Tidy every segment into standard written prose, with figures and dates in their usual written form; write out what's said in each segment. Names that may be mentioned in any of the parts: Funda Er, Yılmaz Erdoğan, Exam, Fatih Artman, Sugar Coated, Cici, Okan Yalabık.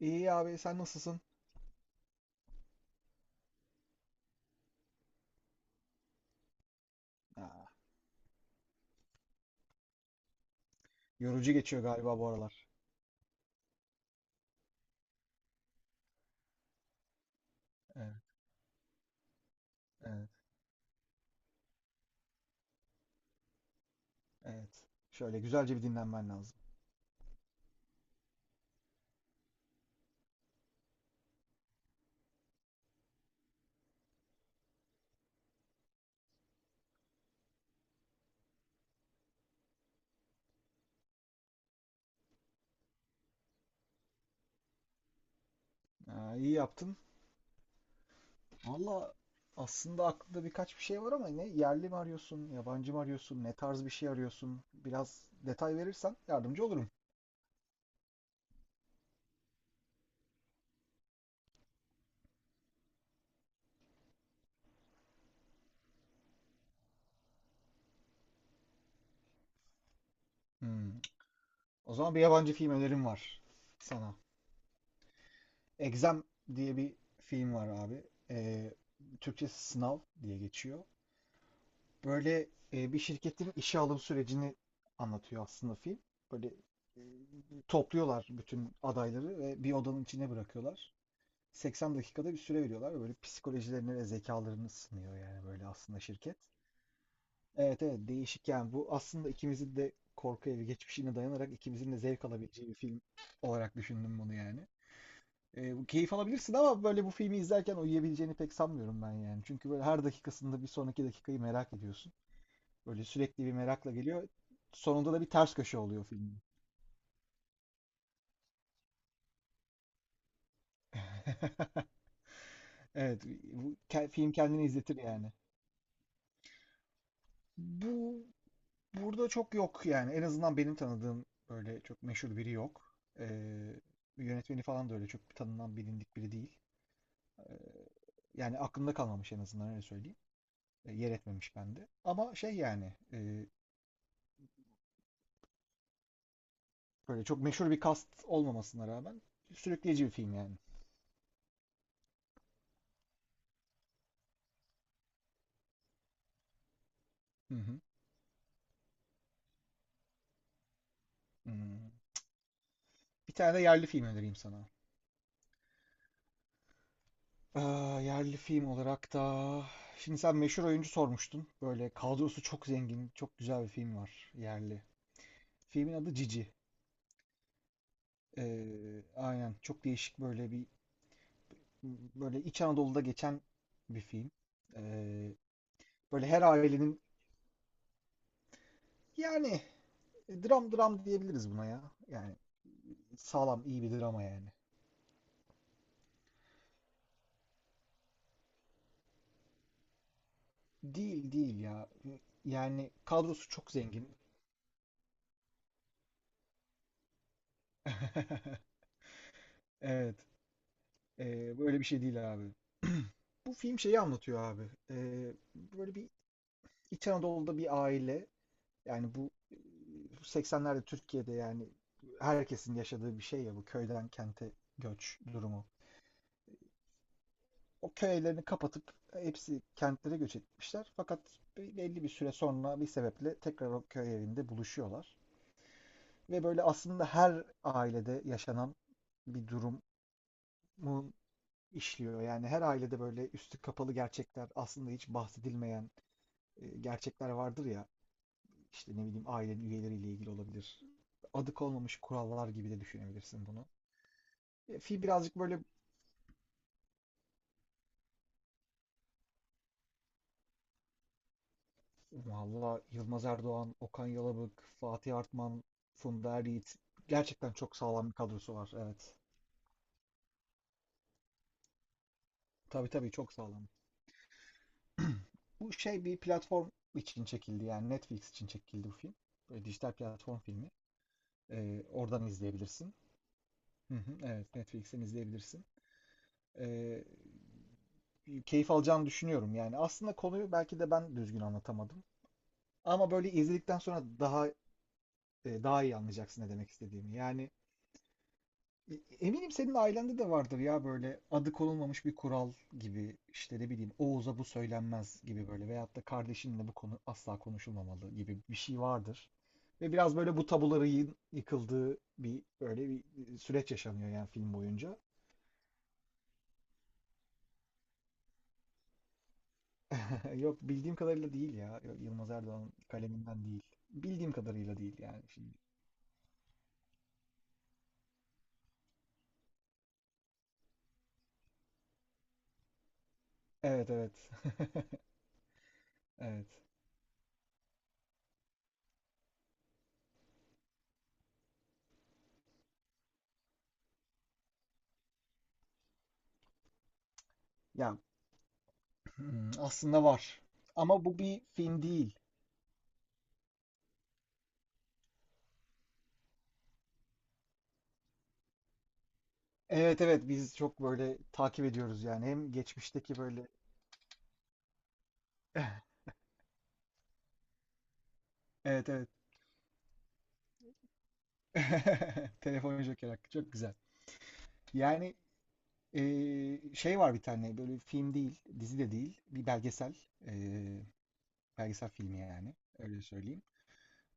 İyi abi sen nasılsın? Aa, yorucu geçiyor galiba bu aralar. Evet, evet, evet. Şöyle güzelce bir dinlenmen lazım. Aa, iyi yaptın. Valla aslında aklında birkaç bir şey var ama ne yerli mi arıyorsun, yabancı mı arıyorsun, ne tarz bir şey arıyorsun? Biraz detay verirsen yardımcı olurum. Hmm. O zaman bir yabancı film önerim var sana. Exam diye bir film var abi. Ee, Türkçesi Sınav diye geçiyor. Böyle bir şirketin işe alım sürecini anlatıyor aslında film. Böyle e, topluyorlar bütün adayları ve bir odanın içine bırakıyorlar. 80 dakikada bir süre veriyorlar. Ve Böyle psikolojilerini ve zekalarını sınıyor yani böyle aslında şirket. Evet evet değişik yani bu aslında ikimizin de korku evi geçmişine dayanarak ikimizin de zevk alabileceği bir film olarak düşündüm bunu yani. Bu keyif alabilirsin ama böyle bu filmi izlerken uyuyabileceğini pek sanmıyorum ben yani. Çünkü böyle her dakikasında bir sonraki dakikayı merak ediyorsun. Böyle sürekli bir merakla geliyor. Sonunda da bir ters köşe oluyor filmin. Evet, bu film kendini izletir yani. Bu burada çok yok yani. En azından benim tanıdığım böyle çok meşhur biri yok. Yönetmeni falan da öyle çok tanınan bilindik biri değil. Ee, Yani aklımda kalmamış en azından öyle söyleyeyim. Yer etmemiş bende. Ama şey yani böyle çok meşhur bir cast olmamasına rağmen sürükleyici bir film yani. Hı hı. Hmm. Bir tane de yerli film önereyim sana. Aa, yerli film olarak da şimdi sen meşhur oyuncu sormuştun. Böyle kadrosu çok zengin, çok güzel bir film var yerli. Filmin adı Cici. Aynen çok değişik böyle bir böyle İç Anadolu'da geçen bir film. Ee, Böyle her ailenin yani dram dram diyebiliriz buna ya. Yani sağlam iyi bir drama yani. Değil değil ya. Yani kadrosu çok zengin. Evet. Böyle bir şey değil abi. Bu film şeyi anlatıyor abi. Böyle bir İç Anadolu'da bir aile yani bu 80'lerde Türkiye'de yani herkesin yaşadığı bir şey ya bu köyden kente göç durumu. O köylerini kapatıp hepsi kentlere göç etmişler. Fakat belli bir süre sonra bir sebeple tekrar o köy evinde buluşuyorlar. Ve böyle aslında her ailede yaşanan bir durumu işliyor. Yani her ailede böyle üstü kapalı gerçekler, aslında hiç bahsedilmeyen gerçekler vardır ya. İşte ne bileyim aile üyeleriyle ilgili olabilir. Adı konmamış kurallar gibi de düşünebilirsin bunu. E, Fi Birazcık böyle valla Yılmaz Erdoğan, Okan Yalabık, Fatih Artman, Funda Er. Gerçekten çok sağlam bir kadrosu var. Evet. Tabii tabii çok sağlam. Bu şey bir platform için çekildi yani Netflix için çekildi bu film. Böyle dijital platform filmi. Oradan izleyebilirsin. Hı hı, evet Netflix'ten izleyebilirsin. Ee, Keyif alacağını düşünüyorum yani. Aslında konuyu belki de ben düzgün anlatamadım. Ama böyle izledikten sonra daha iyi anlayacaksın ne demek istediğimi. Yani eminim senin ailende de vardır ya böyle adı konulmamış bir kural gibi işte ne bileyim Oğuz'a bu söylenmez gibi böyle veyahut da kardeşinle bu konu asla konuşulmamalı gibi bir şey vardır. Ve biraz böyle bu tabuların yıkıldığı bir böyle bir süreç yaşanıyor yani film boyunca. Yok bildiğim kadarıyla değil ya. Yok, Yılmaz Erdoğan kaleminden değil. Bildiğim kadarıyla değil yani şimdi. Evet evet. Evet. Ya aslında var. Ama bu bir film değil. Evet evet biz çok böyle takip ediyoruz yani. Hem geçmişteki böyle. Evet evet. Telefon Joker hakkı çok güzel. Yani şey var bir tane böyle film değil, dizi de değil, bir belgesel, eee, belgesel filmi yani öyle söyleyeyim.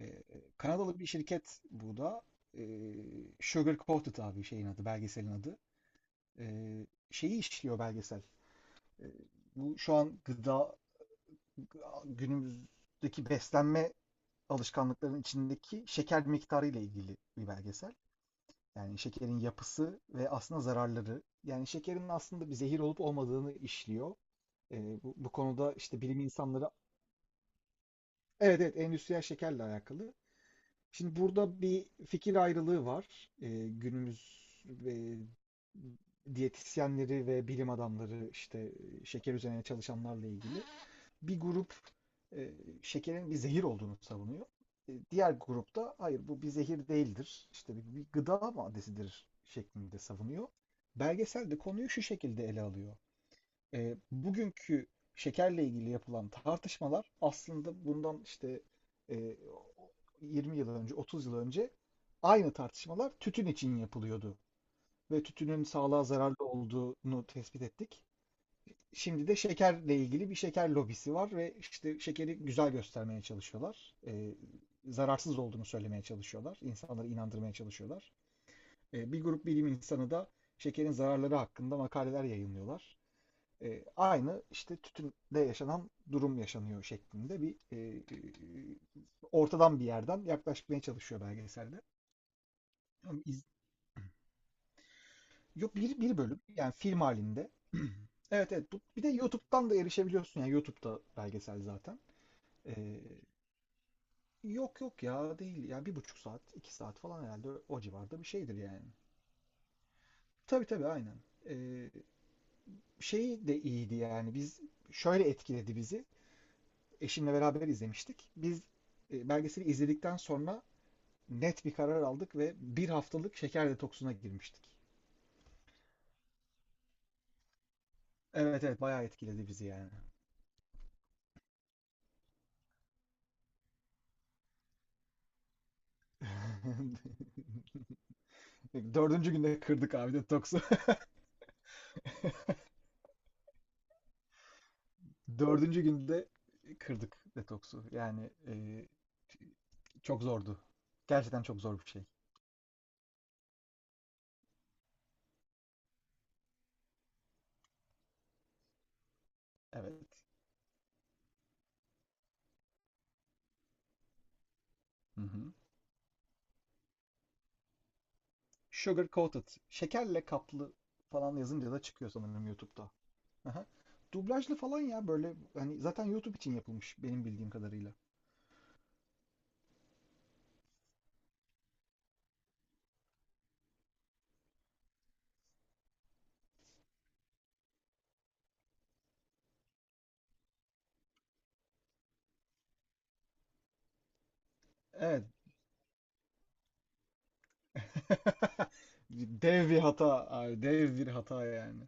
Ee, Kanadalı bir şirket bu da. Ee, Sugar Coated abi şeyin adı, belgeselin adı. Şeyi işliyor belgesel. Ee, Bu şu an gıda günümüzdeki beslenme alışkanlıklarının içindeki şeker miktarı ile ilgili bir belgesel. Yani şekerin yapısı ve aslında zararları. Yani şekerin aslında bir zehir olup olmadığını işliyor. Bu konuda işte bilim insanları. Evet evet endüstriyel şekerle alakalı. Şimdi burada bir fikir ayrılığı var. Günümüz e, diyetisyenleri ve bilim adamları işte şeker üzerine çalışanlarla ilgili. Bir grup e, şekerin bir zehir olduğunu savunuyor. Diğer grupta hayır bu bir zehir değildir. İşte bir gıda maddesidir şeklinde savunuyor. Belgesel de konuyu şu şekilde ele alıyor. Bugünkü şekerle ilgili yapılan tartışmalar aslında bundan işte e, 20 yıl önce, 30 yıl önce aynı tartışmalar tütün için yapılıyordu ve tütünün sağlığa zararlı olduğunu tespit ettik. Şimdi de şekerle ilgili bir şeker lobisi var ve işte şekeri güzel göstermeye çalışıyorlar. Zararsız olduğunu söylemeye çalışıyorlar. İnsanları inandırmaya çalışıyorlar. Bir grup bilim insanı da şekerin zararları hakkında makaleler yayınlıyorlar. Aynı işte tütünde yaşanan durum yaşanıyor şeklinde bir e, ortadan bir yerden yaklaşmaya çalışıyor belgeselde. Ama iz- Yok bir bölüm yani film halinde. Evet evet bu, bir de YouTube'dan da erişebiliyorsun yani YouTube'da belgesel zaten. E, Yok yok ya değil ya 1,5 saat 2 saat falan herhalde o civarda bir şeydir yani. Tabii tabii aynen. E, Şey de iyiydi yani biz şöyle etkiledi bizi. Eşimle beraber izlemiştik. Biz belgeseli izledikten sonra net bir karar aldık ve bir haftalık şeker detoksuna girmiştik. Evet evet bayağı etkiledi bizi yani. Dördüncü günde kırdık abi detoksu. Dördüncü günde kırdık detoksu. Yani çok zordu. Gerçekten çok zor bir şey. Evet. Hı hı. Sugar coated. Şekerle kaplı falan yazınca da çıkıyor sanırım YouTube'da. Aha. Dublajlı falan ya böyle hani zaten YouTube için yapılmış benim bildiğim kadarıyla. Evet. Dev bir hata abi, dev bir hata yani.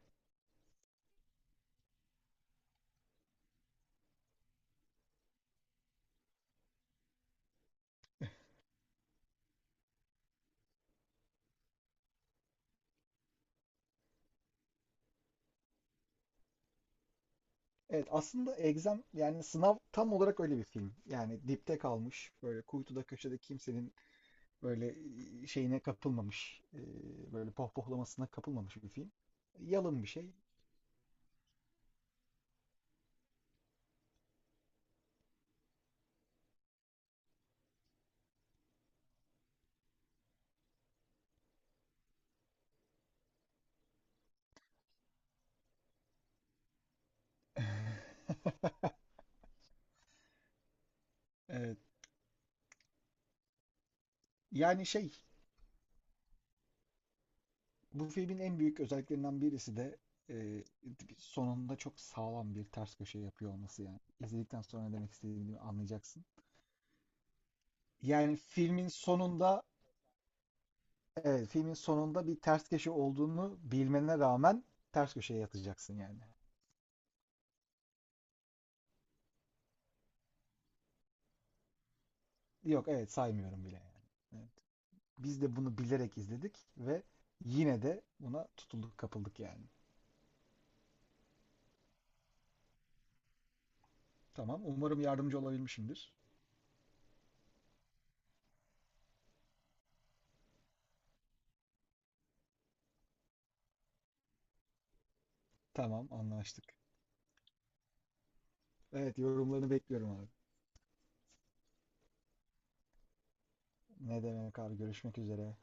Evet aslında Exam yani sınav tam olarak öyle bir film. Yani dipte kalmış böyle kuytuda köşede kimsenin böyle şeyine kapılmamış böyle pohpohlamasına kapılmamış bir film. Yalın bir şey. Evet. Yani şey. Bu filmin en büyük özelliklerinden birisi de e, sonunda çok sağlam bir ters köşe yapıyor olması yani. İzledikten sonra ne demek istediğimi anlayacaksın. Yani filmin sonunda evet, filmin sonunda bir ters köşe olduğunu bilmene rağmen ters köşeye yatacaksın yani. Yok evet saymıyorum bile yani. Evet. Biz de bunu bilerek izledik ve yine de buna tutulduk kapıldık yani. Tamam umarım yardımcı olabilmişimdir. Tamam anlaştık. Evet yorumlarını bekliyorum abi. Ne demek abi görüşmek üzere.